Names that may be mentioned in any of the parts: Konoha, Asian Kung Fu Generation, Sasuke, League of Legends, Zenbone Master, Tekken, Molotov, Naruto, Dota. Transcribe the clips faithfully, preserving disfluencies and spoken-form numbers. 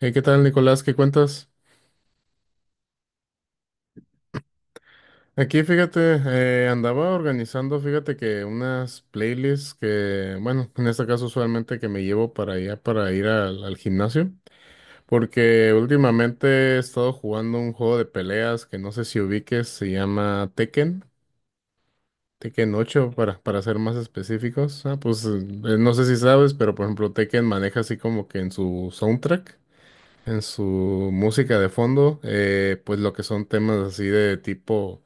Eh, ¿Qué tal, Nicolás? ¿Qué cuentas? Aquí, fíjate, eh, andaba organizando, fíjate que unas playlists que, bueno, en este caso usualmente que me llevo para allá para ir al, al gimnasio, porque últimamente he estado jugando un juego de peleas que no sé si ubiques, se llama Tekken, Tekken ocho para, para ser más específicos. Ah, pues eh, no sé si sabes, pero por ejemplo Tekken maneja así como que en su soundtrack, en su música de fondo, eh, pues lo que son temas así de tipo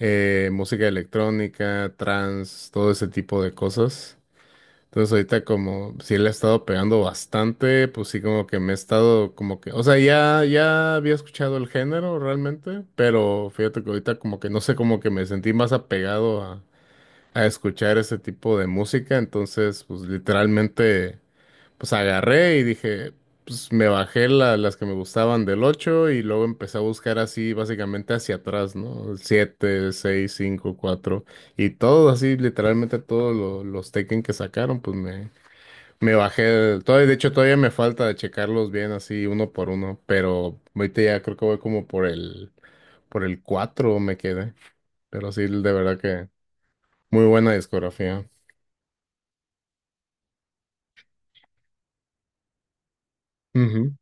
eh, música electrónica, trance, todo ese tipo de cosas. Entonces ahorita como sí le he estado pegando bastante, pues sí como que me he estado como que, o sea, ya, ya había escuchado el género realmente, pero fíjate que ahorita como que no sé, como que me sentí más apegado a, a escuchar ese tipo de música, entonces pues literalmente. Pues agarré y dije, pues me bajé la- las que me gustaban del ocho y luego empecé a buscar así básicamente hacia atrás, ¿no? Siete, seis, cinco, cuatro y todo así, literalmente todos lo- los Tekken que sacaron, pues me, me bajé, todavía, de hecho todavía me falta de checarlos bien así uno por uno, pero ahorita ya creo que voy como por el, por el cuatro me quedé, pero sí, de verdad que muy buena discografía. Ujú,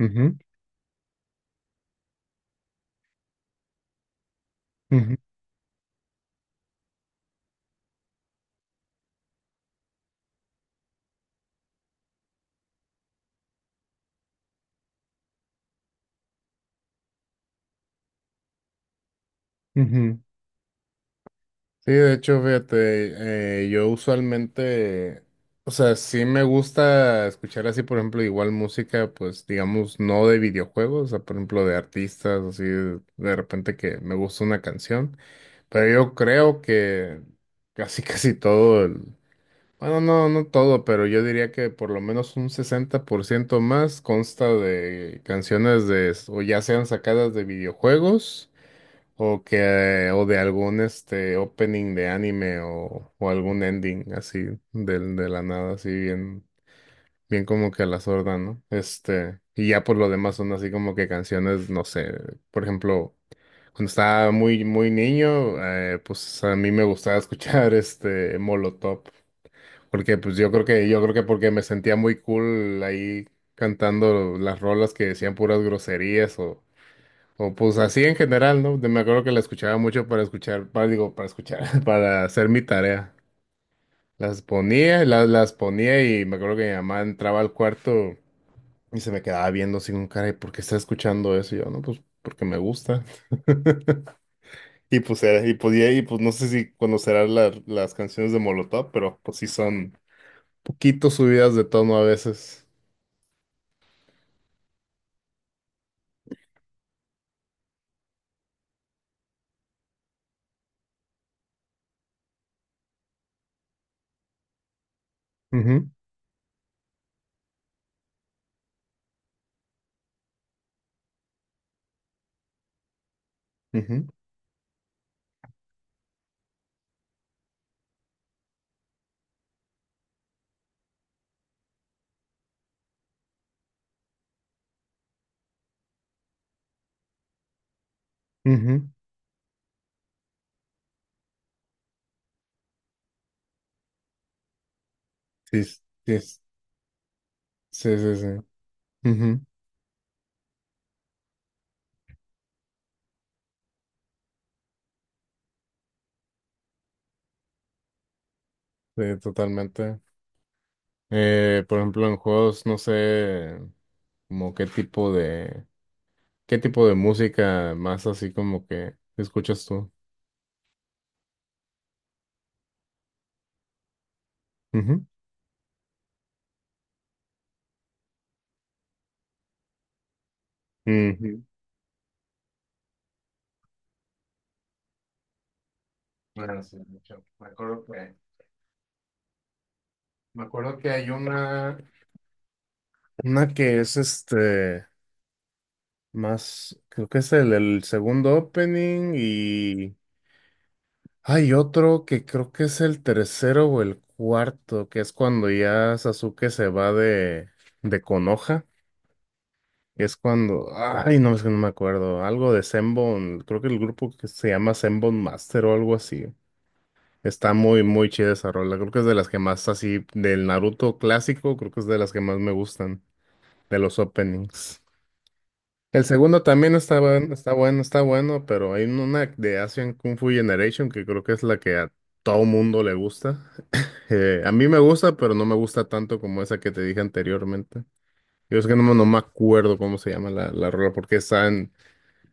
ujú, ujú, ujú. Sí, de hecho, fíjate, eh, yo usualmente, o sea, sí me gusta escuchar así, por ejemplo, igual música, pues digamos, no de videojuegos, o sea, por ejemplo, de artistas, así, de de repente que me gusta una canción, pero yo creo que casi, casi todo el, bueno, no, no todo, pero yo diría que por lo menos un sesenta por ciento más consta de canciones de, o ya sean sacadas de videojuegos. O que, o de algún este opening de anime o, o algún ending así del de la nada, así bien, bien como que a la sorda, ¿no? Este, y ya por lo demás son así como que canciones, no sé, por ejemplo, cuando estaba muy, muy niño, eh, pues a mí me gustaba escuchar este Molotov, porque pues yo creo que, yo creo que porque me sentía muy cool ahí cantando las rolas que decían puras groserías o pues así en general, ¿no? De- Me acuerdo que la escuchaba mucho para escuchar, para, digo, para escuchar, para hacer mi tarea. Las ponía, las, las ponía y me acuerdo que mi mamá entraba al cuarto y se me quedaba viendo así con cara, ¿y por qué está escuchando eso? Y yo, no, pues porque me gusta. Y pues era, y podía, y pues no sé si conocerás la- las canciones de Molotov, pero pues sí son poquito subidas de tono a veces. Ujú, ujú, ujú. Sí, sí, sí, sí, sí. Ujú, sí, totalmente. Eh, por ejemplo, en juegos, no sé, como qué tipo de, qué tipo de música más así como que escuchas tú. Ujú. Ujú. Bueno sí, mucho. Me acuerdo que, me acuerdo que hay una, una que es este, más, creo que es el, el segundo opening y hay otro que creo que es el tercero o el cuarto, que es cuando ya Sasuke se va de, de Konoha. Es cuando, ay, no, es que no me acuerdo, algo de Zenbone, creo que el grupo que se llama Zenbone Master o algo así. Está muy, muy chida esa rola, creo que es de las que más así, del Naruto clásico, creo que es de las que más me gustan, de los openings. El segundo también está bueno, está bueno, está bueno, pero hay una de Asian Kung Fu Generation que creo que es la que a todo mundo le gusta. Eh, a mí me gusta, pero no me gusta tanto como esa que te dije anteriormente. Yo es que no, me no me acuerdo cómo se llama la, la rola, porque está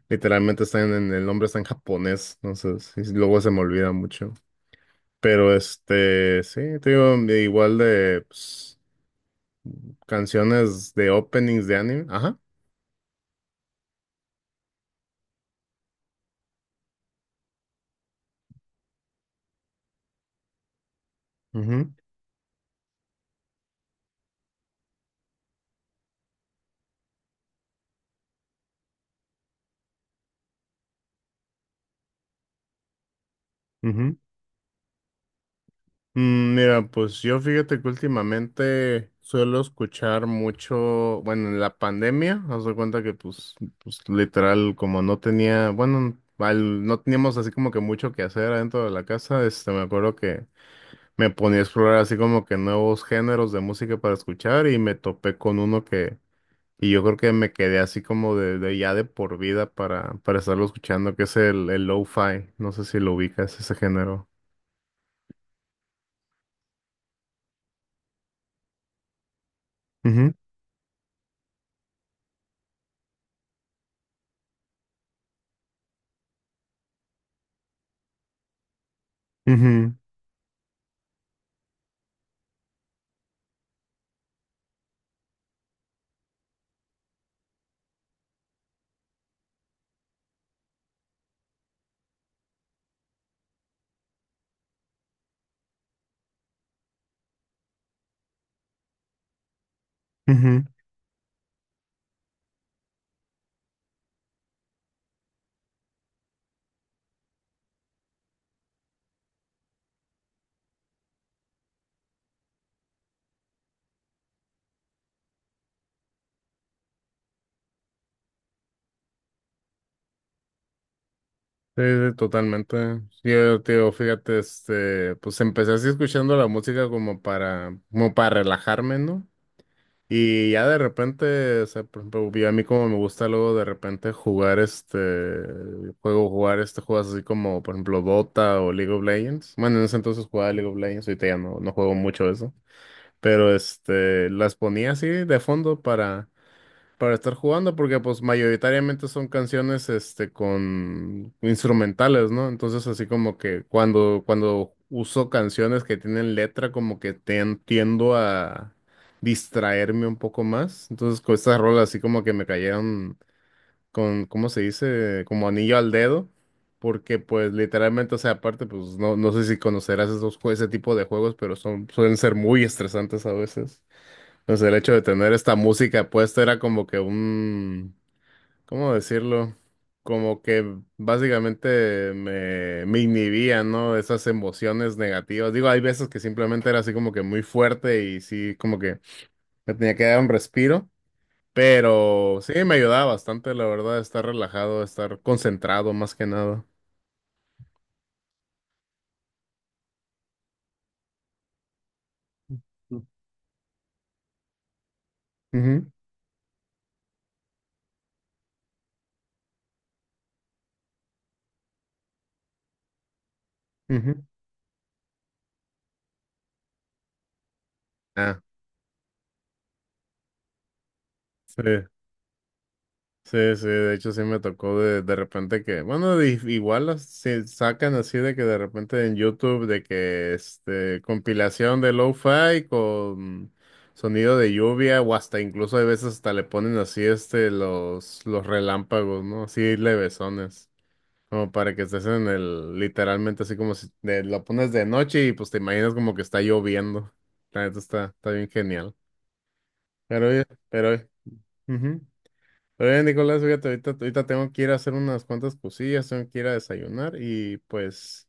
literalmente está en, en- el nombre está en japonés, entonces sí, luego se me olvida mucho. Pero este, sí, te digo, de igual de pues, canciones de openings de anime. Ajá. Ujú, ujú. Mm, mira, pues yo fíjate que últimamente suelo escuchar mucho, bueno, en la pandemia, haz de cuenta que pues, pues literal, como no tenía, bueno, al- no teníamos así como que mucho que hacer adentro de la casa, este, me acuerdo que me ponía a explorar así como que nuevos géneros de música para escuchar y me topé con uno que, y yo creo que me quedé así como de, de ya de por vida para, para estarlo escuchando, que es el, el lo-fi. No sé si lo ubicas, ese género. Ujú, ujú, ujú. Sí, sí, totalmente. Sí, yo te digo, fíjate, este, pues empecé así escuchando la música como para, como para relajarme, ¿no? Y ya de repente, o sea, por ejemplo, yo a mí como me gusta luego de repente jugar este juego, jugar este juegos así como, por ejemplo, Dota o League of Legends. Bueno, en ese entonces jugaba League of Legends, ahorita ya no, no juego mucho eso. Pero este, las ponía así de fondo para para estar jugando, porque pues mayoritariamente son canciones este con instrumentales, ¿no? Entonces así como que cuando, cuando uso canciones que tienen letra, como que ten- tiendo a distraerme un poco más. Entonces con estas rolas así como que me cayeron con, ¿cómo se dice? Como anillo al dedo. Porque pues literalmente, o sea, aparte, pues no, no sé si conocerás esos, jue- ese tipo de juegos, pero son, suelen ser muy estresantes a veces. Pues el hecho de tener esta música puesta era como que un, ¿cómo decirlo? Como que básicamente me, me inhibía, ¿no? Esas emociones negativas. Digo, hay veces que simplemente era así como que muy fuerte y sí, como que me tenía que dar un respiro, pero sí me ayudaba bastante, la verdad, estar relajado, estar concentrado más que nada. Mm. Ujú, ujú. Ah, sí. Sí, sí, de hecho sí me tocó de, de repente que, bueno, di- igual las- se sacan así de que de repente en YouTube de que este compilación de lo-fi con sonido de lluvia o hasta incluso hay veces hasta le ponen así este los los relámpagos, ¿no? Así levesones, como para que estés en el literalmente así como si de- lo pones de noche y pues te imaginas como que está lloviendo. La neta está está bien genial. Pero oye, pero oye. Ujú. Oye, Nicolás, fíjate, ahorita, ahorita tengo que ir a hacer unas cuantas cosillas, tengo que ir a desayunar y pues,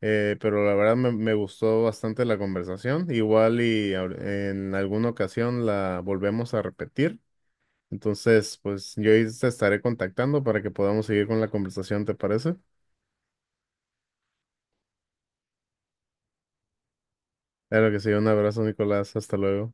eh, pero la verdad me, me gustó bastante la conversación. Igual y ahor- en alguna ocasión la volvemos a repetir. Entonces, pues yo ahí te estaré contactando para que podamos seguir con la conversación, ¿te parece? Claro que sí, un abrazo, Nicolás, hasta luego.